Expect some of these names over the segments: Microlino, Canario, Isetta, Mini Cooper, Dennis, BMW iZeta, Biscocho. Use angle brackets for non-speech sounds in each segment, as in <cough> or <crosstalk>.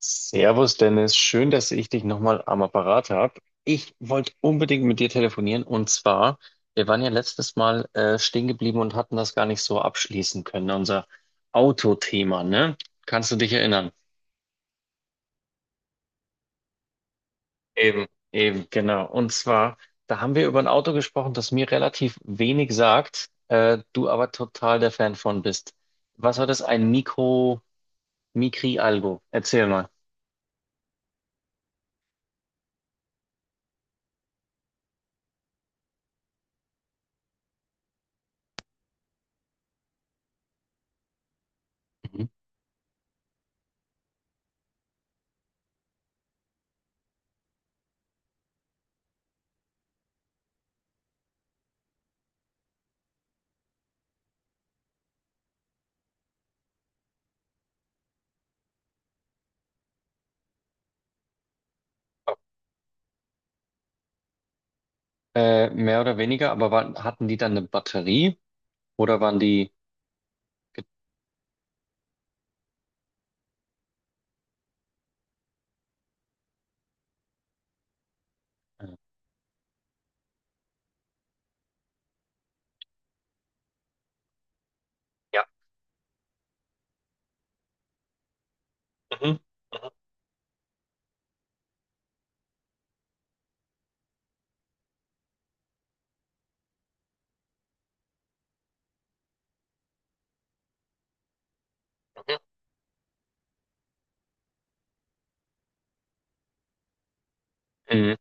Servus Dennis, schön, dass ich dich nochmal am Apparat habe. Ich wollte unbedingt mit dir telefonieren und zwar, wir waren ja letztes Mal stehen geblieben und hatten das gar nicht so abschließen können, unser Autothema, ne? Kannst du dich erinnern? Eben, eben, genau. Und zwar, da haben wir über ein Auto gesprochen, das mir relativ wenig sagt, du aber total der Fan von bist. Was war das? Ein Mikro, Mikri Algo? Erzähl mal. Mhm. Mehr oder weniger, hatten die dann eine Batterie? Oder waren die? Ja. Mhm. Mhm. Mhm. Mhm.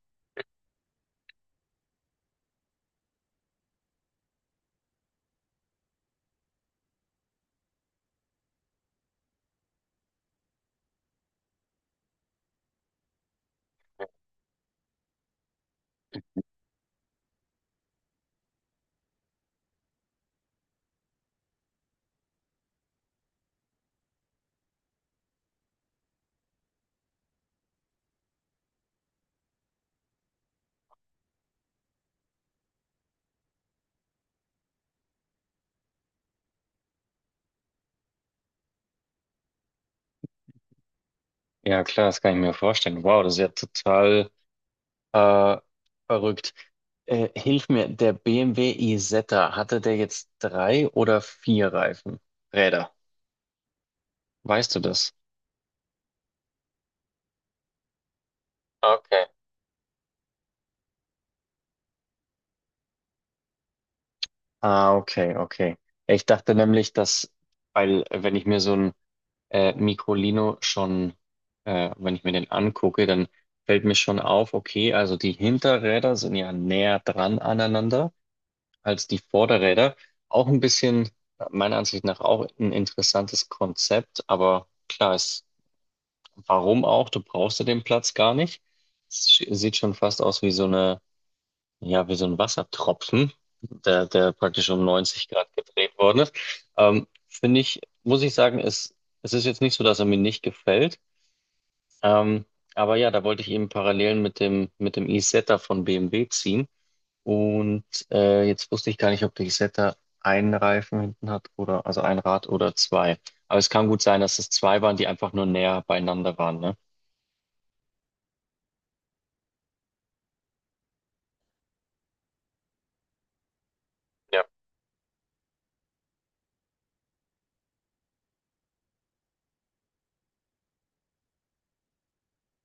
Ja, klar, das kann ich mir vorstellen. Wow, das ist ja total äh, verrückt. Hilf mir, der BMW iZeta, hatte der jetzt drei oder vier Reifen? Räder. Weißt du das? Okay. Ah, okay, okay. Ich dachte nämlich, dass, weil wenn ich mir so ein Microlino schon, wenn ich mir den angucke, dann fällt mir schon auf, okay, also die Hinterräder sind ja näher dran aneinander als die Vorderräder. Auch ein bisschen, meiner Ansicht nach, auch ein interessantes Konzept, aber klar ist, warum auch? Du brauchst ja den Platz gar nicht. Es sieht schon fast aus wie so eine, ja, wie so ein Wassertropfen, der praktisch um 90 Grad gedreht worden ist. Finde ich, muss ich sagen, es ist jetzt nicht so, dass er mir nicht gefällt. Ähm, aber ja, da wollte ich eben Parallelen mit dem e-Zeta von BMW ziehen. Und jetzt wusste ich gar nicht, ob der Isetta einen Reifen hinten hat oder also ein Rad oder zwei. Aber es kann gut sein, dass es zwei waren, die einfach nur näher beieinander waren, ne? Ja.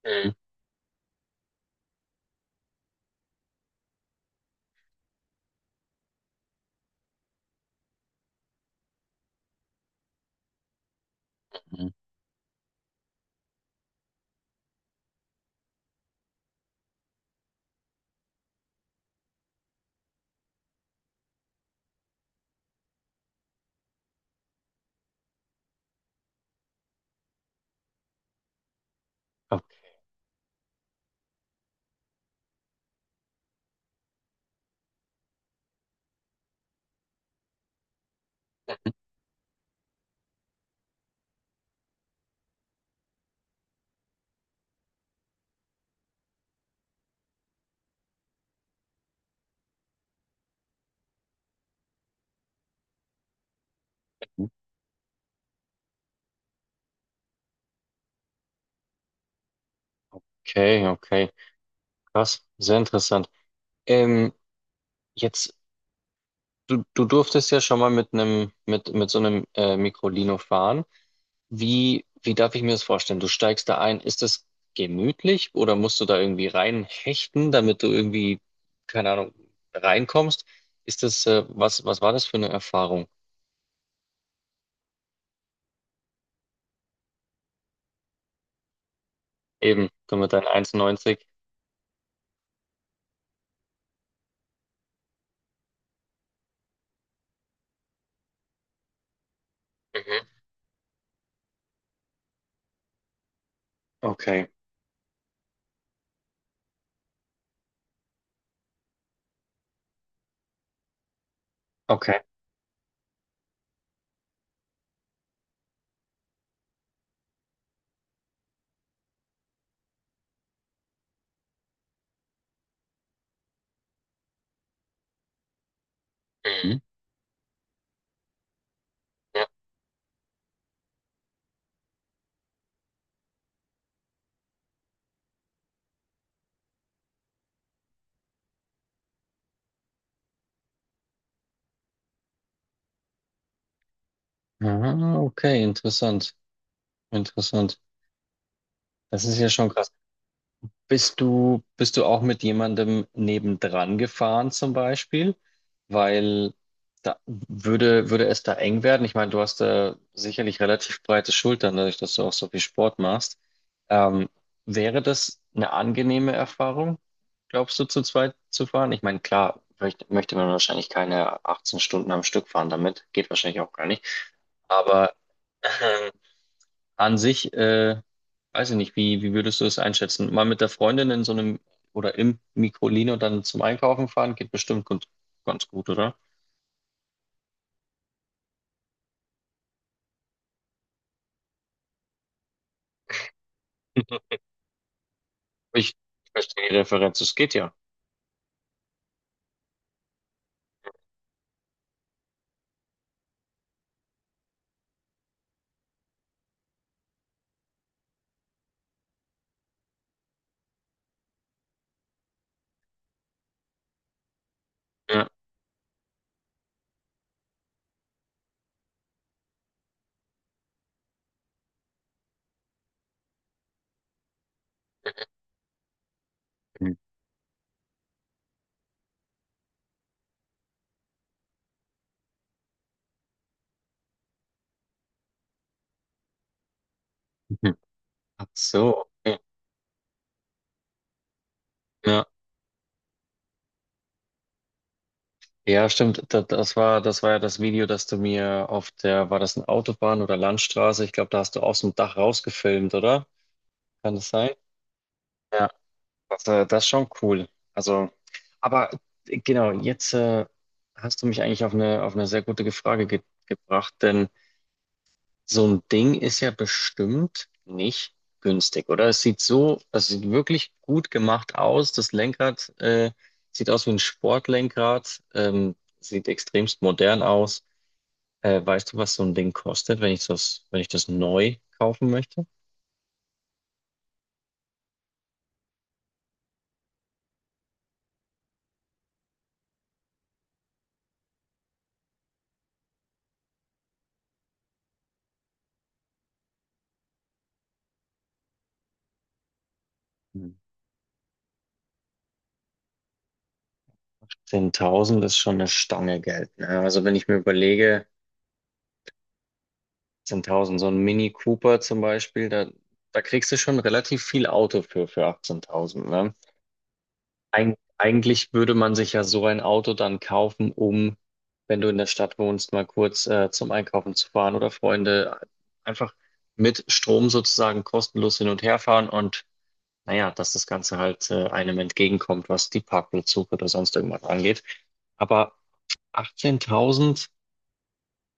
Mhm. Mhm. Okay, okay. Krass, sehr interessant. Ähm, Jetzt, du durftest ja schon mal mit so einem Microlino fahren. Wie darf ich mir das vorstellen? Du steigst da ein, ist das gemütlich oder musst du da irgendwie reinhechten, damit du irgendwie, keine Ahnung, reinkommst? Ist das, was, was war das für eine Erfahrung? Eben, du mit deinen 1,90. Mhm. Okay, okay. Mhm. Ja. Ah, okay, interessant, interessant. Das ist ja schon krass. Bist du auch mit jemandem nebendran gefahren zum Beispiel? Weil da würde es da eng werden. Ich meine, du hast da sicherlich relativ breite Schultern, dadurch, dass du auch so viel Sport machst. Ähm, Wäre das eine angenehme Erfahrung, glaubst du, zu zweit zu fahren? Ich meine, klar, möchte man wahrscheinlich keine 18 Stunden am Stück fahren damit. Geht wahrscheinlich auch gar nicht. Aber ähm, an sich, weiß ich nicht, wie würdest du es einschätzen? Mal mit der Freundin in so einem oder im Microlino dann zum Einkaufen fahren, geht bestimmt gut, ganz gut, oder? <laughs> Ich verstehe die Referenz, es geht ja. Ja. Mhm. Ach so, okay. Ja. Ja, stimmt. Das war ja das Video, das du mir auf der, war das eine Autobahn oder Landstraße? Ich glaube, da hast du aus dem Dach rausgefilmt, oder? Kann das sein? Das, das ist schon cool. Also, aber genau, jetzt hast du mich eigentlich auf eine sehr gute Frage ge gebracht, denn so ein Ding ist ja bestimmt nicht günstig, oder? Es sieht wirklich gut gemacht aus. Das Lenkrad sieht aus wie ein Sportlenkrad, sieht extremst modern aus. Weißt du, was so ein Ding kostet, wenn ich wenn ich das neu kaufen möchte? Hm. 10.000 ist schon eine Stange Geld. Ne? Also wenn ich mir überlege, 18.000, so ein Mini Cooper zum Beispiel, da, da kriegst du schon relativ viel Auto für 18.000, ne? Eigentlich würde man sich ja so ein Auto dann kaufen, um, wenn du in der Stadt wohnst, mal kurz zum Einkaufen zu fahren oder Freunde einfach mit Strom sozusagen kostenlos hin und her fahren und naja, dass das Ganze halt einem entgegenkommt, was die Parkplatzsuche oder sonst irgendwas angeht. Aber 18.000,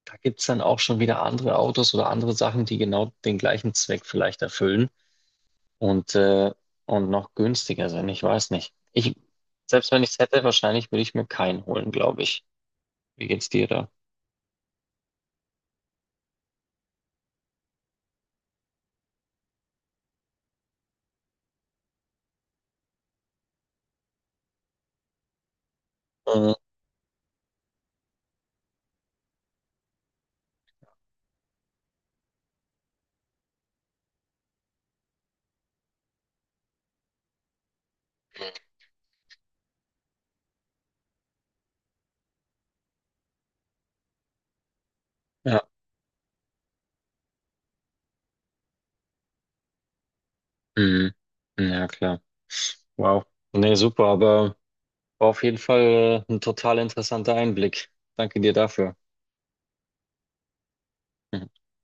da gibt's dann auch schon wieder andere Autos oder andere Sachen, die genau den gleichen Zweck vielleicht erfüllen und, äh, und noch günstiger sind. Ich weiß nicht. Ich, selbst wenn ich es hätte, wahrscheinlich würde ich mir keinen holen, glaube ich. Wie geht's dir da? Mhm. Ja. Mhm. Ja, klar. Wow. Nee, super, aber war auf jeden Fall ein total interessanter Einblick. Danke dir dafür. <laughs>